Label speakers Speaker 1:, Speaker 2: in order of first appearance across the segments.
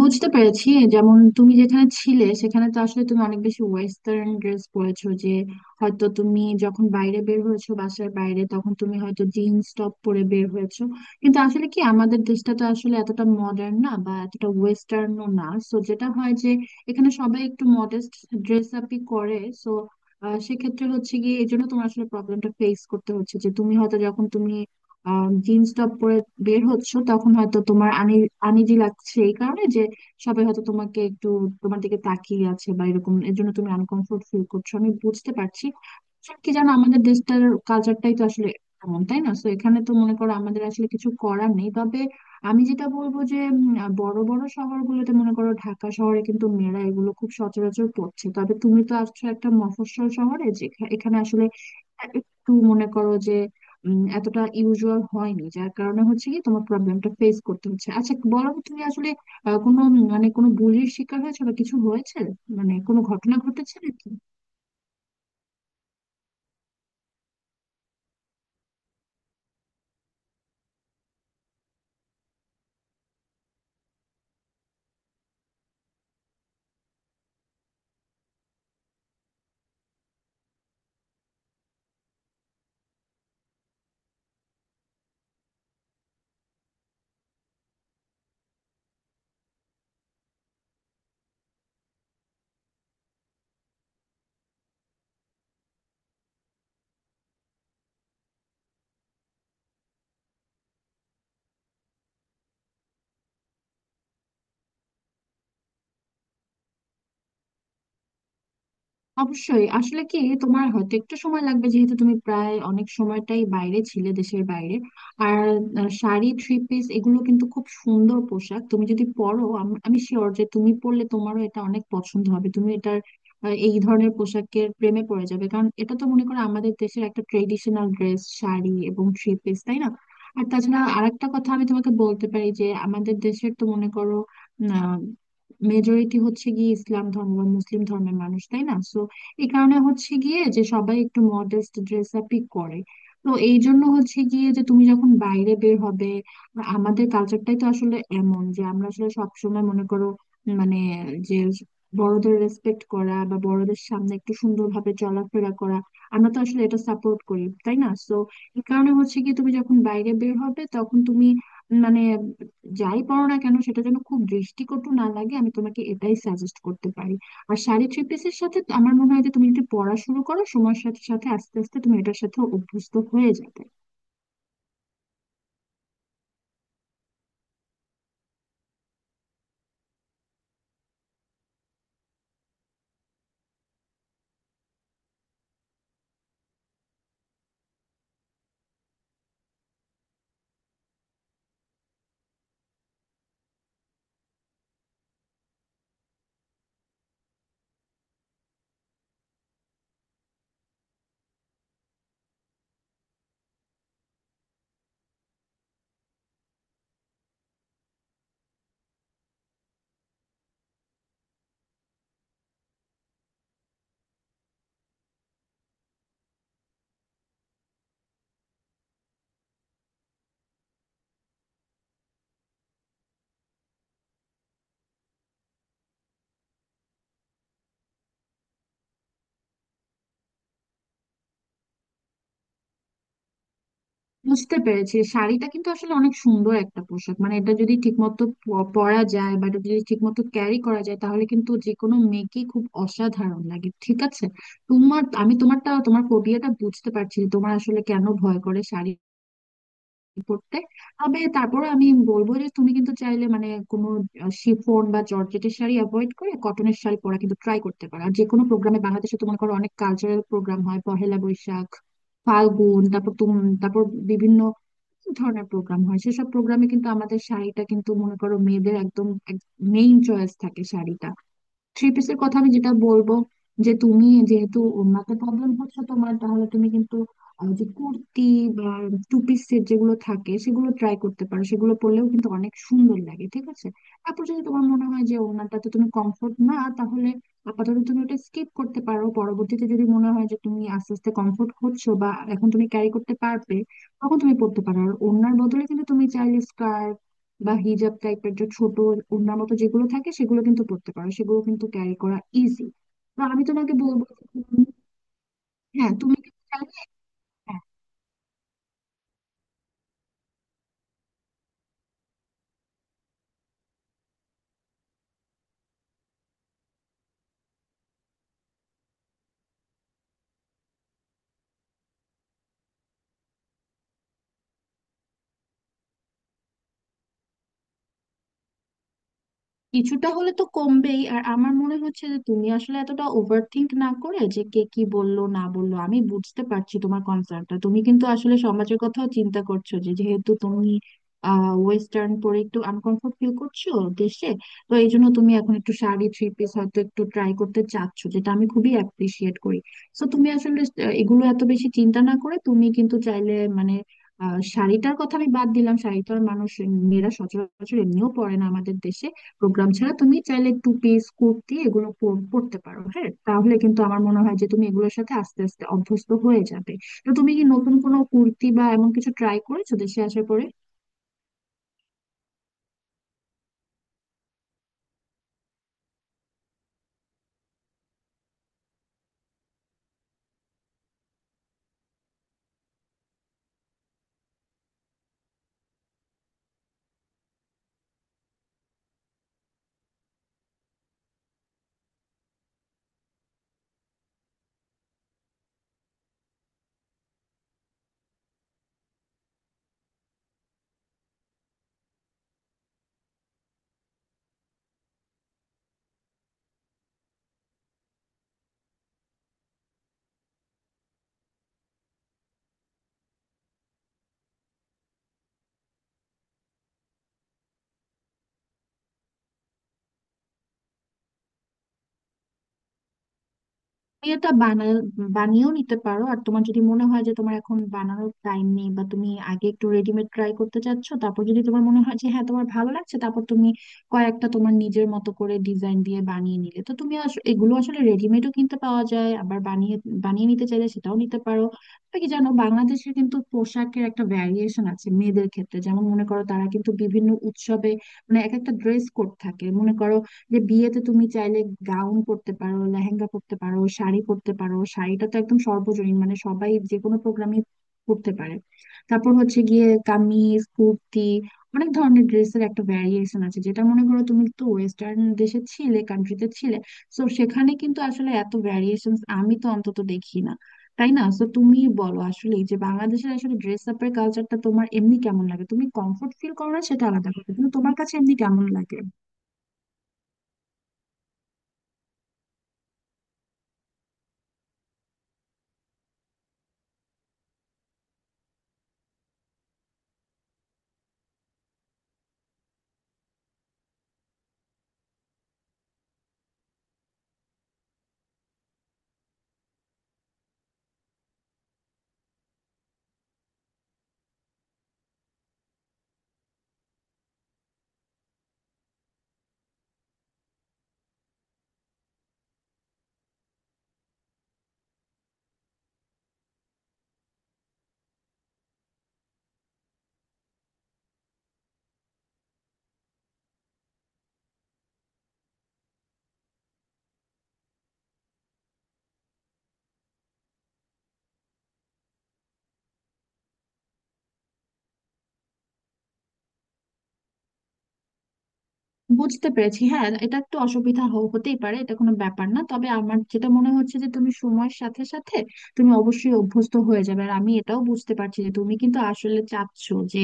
Speaker 1: বুঝতে পেরেছি। যেমন তুমি যেখানে ছিলে সেখানে তো আসলে তুমি অনেক বেশি ওয়েস্টার্ন ড্রেস পরেছো, যে হয়তো তুমি যখন বাইরে বের হয়েছো বাসার বাইরে তখন তুমি হয়তো জিন্স টপ পরে বের হয়েছো। কিন্তু আসলে কি, আমাদের দেশটা তো আসলে এতটা মডার্ন না বা এতটা ওয়েস্টার্নও না, সো যেটা হয় যে এখানে সবাই একটু মডেস্ট ড্রেস আপই করে। সো সেক্ষেত্রে হচ্ছে গিয়ে এই জন্য তোমার আসলে প্রবলেমটা ফেস করতে হচ্ছে, যে তুমি হয়তো যখন তুমি জিন্স টপ পরে বের হচ্ছো তখন হয়তো তোমার আনিজি লাগছে এই কারণে যে সবাই হয়তো তোমাকে একটু তোমার দিকে তাকিয়ে আছে বা এরকম, এর জন্য তুমি আনকমফোর্ট ফিল করছো। আমি বুঝতে পারছি। আসলে কি জানো, আমাদের দেশটার কালচারটাই তো আসলে এমন, তাই না? তো এখানে তো মনে করো আমাদের আসলে কিছু করার নেই। তবে আমি যেটা বলবো যে বড় বড় শহরগুলোতে, মনে করো ঢাকা শহরে, কিন্তু মেয়েরা এগুলো খুব সচরাচর করছে। তবে তুমি তো আসছো একটা মফস্বল শহরে, যেখানে এখানে আসলে একটু মনে করো যে এতটা ইউজুয়াল হয়নি, যার কারণে হচ্ছে কি তোমার প্রবলেমটা ফেস করতে হচ্ছে। আচ্ছা বলো তো, তুমি আসলে কোনো, মানে কোনো বুলির শিকার হয়েছে বা কিছু হয়েছে, মানে কোনো ঘটনা ঘটেছে নাকি? অবশ্যই। আসলে কি, তোমার হয়তো একটু সময় লাগবে যেহেতু তুমি প্রায় অনেক সময়টাই বাইরে ছিলে, দেশের বাইরে। আর শাড়ি থ্রি পিস এগুলো কিন্তু খুব সুন্দর পোশাক। তুমি যদি পরো, আমি শিওর যে তুমি পরলে তোমারও এটা অনেক পছন্দ হবে। তুমি এটার এই ধরনের পোশাকের প্রেমে পড়ে যাবে, কারণ এটা তো মনে করো আমাদের দেশের একটা ট্রেডিশনাল ড্রেস, শাড়ি এবং থ্রি পিস, তাই না? আর তাছাড়া আরেকটা কথা আমি তোমাকে বলতে পারি যে আমাদের দেশের তো মনে করো আহ, মেজরিটি হচ্ছে গিয়ে ইসলাম ধর্ম বা মুসলিম ধর্মের মানুষ, তাই না? তো এই কারণে হচ্ছে গিয়ে যে সবাই একটু মডেস্ট ড্রেস আপই করে। তো এই জন্য হচ্ছে গিয়ে যে তুমি যখন বাইরে বের হবে, আমাদের কালচারটাই তো আসলে এমন যে আমরা আসলে সবসময় মনে করো, মানে, যে বড়দের রেসপেক্ট করা বা বড়দের সামনে একটু সুন্দরভাবে চলাফেরা করা, আমরা তো আসলে এটা সাপোর্ট করি, তাই না? সো এই কারণে হচ্ছে কি তুমি যখন বাইরে বের হবে তখন তুমি, মানে, যাই পরো না কেন সেটা যেন খুব দৃষ্টিকটু না লাগে। আমি তোমাকে এটাই সাজেস্ট করতে পারি। আর শাড়ি থ্রি পিসের সাথে তো আমার মনে হয় যে তুমি যদি পড়া শুরু করো সময়ের সাথে সাথে আস্তে আস্তে তুমি এটার সাথে অভ্যস্ত হয়ে যাবে। বুঝতে পেরেছি। শাড়িটা কিন্তু আসলে অনেক সুন্দর একটা পোশাক, মানে এটা যদি ঠিকমতো পরা যায় বা এটা যদি ঠিকমতো ক্যারি করা যায়, তাহলে কিন্তু যে কোনো মেয়েকেই খুব অসাধারণ লাগে, ঠিক আছে? তোমার আমি তোমারটা তোমার ফোবিয়াটা বুঝতে পারছি, যে তোমার আসলে কেন ভয় করে শাড়ি পড়তে। তবে তারপর আমি বলবো যে তুমি কিন্তু চাইলে, মানে, কোনো শিফন বা জর্জেটের শাড়ি অ্যাভয়েড করে কটনের শাড়ি পরা কিন্তু ট্রাই করতে পারো। আর যে কোনো প্রোগ্রামে, বাংলাদেশে তো মনে করো অনেক কালচারাল প্রোগ্রাম হয়, পহেলা বৈশাখ, ফাল্গুন, তারপর বিভিন্ন ধরনের প্রোগ্রাম হয়, সেসব প্রোগ্রামে কিন্তু আমাদের শাড়িটা কিন্তু, মনে করো, মেয়েদের একদম মেইন চয়েস থাকে শাড়িটা। থ্রি পিসের কথা আমি যেটা বলবো, যে তুমি যেহেতু ওড়নাতে প্রবলেম হচ্ছে তোমার, তাহলে তুমি কিন্তু যে কুর্তি বা টু পিস সেট যেগুলো থাকে সেগুলো ট্রাই করতে পারো। সেগুলো পরলেও কিন্তু অনেক সুন্দর লাগে, ঠিক আছে? তারপর যদি তোমার মনে হয় যে ওড়নাটাতে তুমি কমফোর্ট না, তাহলে আপাতত তুমি ওটা স্কিপ করতে পারো। পরবর্তীতে যদি মনে হয় যে তুমি আস্তে আস্তে কমফোর্ট হচ্ছো বা এখন তুমি ক্যারি করতে পারবে, তখন তুমি পড়তে পারো। আর ওড়নার বদলে কিন্তু তুমি চাইলে স্কার্ট বা হিজাব টাইপের যে ছোট ওড়না মতো যেগুলো থাকে সেগুলো কিন্তু পরতে পারো, সেগুলো কিন্তু ক্যারি করা ইজি। তো আমি তোমাকে বলবো যে হ্যাঁ, তুমি কিন্তু চাইলে কিছুটা হলে তো কমবেই। আর আমার মনে হচ্ছে যে তুমি আসলে এতটা ওভার থিঙ্ক না করে, যে কে কি বললো না বললো, আমি বুঝতে পারছি তোমার কনসার্নটা। তুমি কিন্তু আসলে সমাজের কথাও চিন্তা করছো, যে যেহেতু তুমি ওয়েস্টার্ন পরে একটু আনকমফোর্ট ফিল করছো দেশে। তো এই জন্য তুমি এখন একটু শাড়ি থ্রি পিস হয়তো একটু ট্রাই করতে চাচ্ছো, যেটা আমি খুবই অ্যাপ্রিসিয়েট করি। তো তুমি আসলে এগুলো এত বেশি চিন্তা না করে তুমি কিন্তু চাইলে, মানে, শাড়িটার কথা আমি বাদ দিলাম। শাড়িটার মানুষ মেয়েরা সচরাচর এমনিও পরে না আমাদের দেশে, প্রোগ্রাম ছাড়া। তুমি চাইলে টু পিস কুর্তি এগুলো পরতে পারো। হ্যাঁ, তাহলে কিন্তু আমার মনে হয় যে তুমি এগুলোর সাথে আস্তে আস্তে অভ্যস্ত হয়ে যাবে। তো তুমি কি নতুন কোনো কুর্তি বা এমন কিছু ট্রাই করেছো দেশে আসার পরে? তুমি এটা বানা বানিয়েও নিতে পারো, আর তোমার যদি মনে হয় যে তোমার এখন বানানোর টাইম নেই বা তুমি আগে একটু রেডিমেড ট্রাই করতে চাচ্ছ, তারপর যদি তোমার মনে হয় যে হ্যাঁ তোমার ভালো লাগছে, তারপর তুমি কয়েকটা তোমার নিজের মতো করে ডিজাইন দিয়ে বানিয়ে নিলে। তো তুমি এগুলো আসলে রেডিমেডও কিনতে পাওয়া যায়, আবার বানিয়ে বানিয়ে নিতে চাইলে সেটাও নিতে পারো। তবে কি জানো, বাংলাদেশে কিন্তু পোশাকের একটা ভ্যারিয়েশন আছে মেয়েদের ক্ষেত্রে। যেমন মনে করো, তারা কিন্তু বিভিন্ন উৎসবে, মানে, এক একটা ড্রেস কোড থাকে, মনে করো, যে বিয়েতে তুমি চাইলে গাউন পরতে পারো, লেহেঙ্গা পরতে পারো, শাড়ি পরতে পারো। শাড়িটা তো একদম সর্বজনীন, মানে সবাই যে কোনো প্রোগ্রামে পরতে পারে। তারপর হচ্ছে গিয়ে কামিজ কুর্তি, অনেক ধরনের ড্রেসের একটা ভ্যারিয়েশন আছে। যেটা মনে করো, তুমি তো ওয়েস্টার্ন দেশে ছিলে, কান্ট্রিতে ছিলে, তো সেখানে কিন্তু আসলে এত ভ্যারিয়েশন আমি তো অন্তত দেখি না, তাই না? তো তুমি বলো আসলে, যে বাংলাদেশের আসলে ড্রেস আপের কালচারটা তোমার এমনি কেমন লাগে? তুমি কমফোর্ট ফিল করো না সেটা আলাদা কথা, কিন্তু তোমার কাছে এমনি কেমন লাগে? বুঝতে পেরেছি। হ্যাঁ, এটা একটু অসুবিধা হতেই পারে, এটা কোনো ব্যাপার না। তবে আমার যেটা মনে হচ্ছে যে তুমি সময়ের সাথে সাথে তুমি অবশ্যই অভ্যস্ত হয়ে যাবে। আর আমি এটাও বুঝতে পারছি যে তুমি কিন্তু আসলে চাচ্ছো যে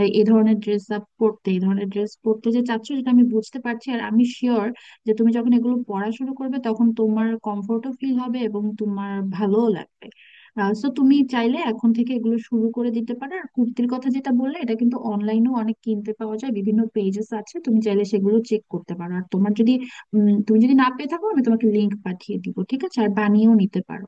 Speaker 1: এ ধরনের ড্রেস আপ পরতে, এই ধরনের ড্রেস পরতে যে চাচ্ছো সেটা আমি বুঝতে পারছি। আর আমি শিওর যে তুমি যখন এগুলো পড়া শুরু করবে তখন তোমার কমফোর্টও ফিল হবে এবং তোমার ভালোও লাগবে। সো তুমি চাইলে এখন থেকে এগুলো শুরু করে দিতে পারো। আর কুর্তির কথা যেটা বললে, এটা কিন্তু অনলাইনেও অনেক কিনতে পাওয়া যায়, বিভিন্ন পেজেস আছে। তুমি চাইলে সেগুলো চেক করতে পারো। আর তোমার যদি তুমি যদি না পেয়ে থাকো, আমি তোমাকে লিংক পাঠিয়ে দিব, ঠিক আছে? আর বানিয়েও নিতে পারো।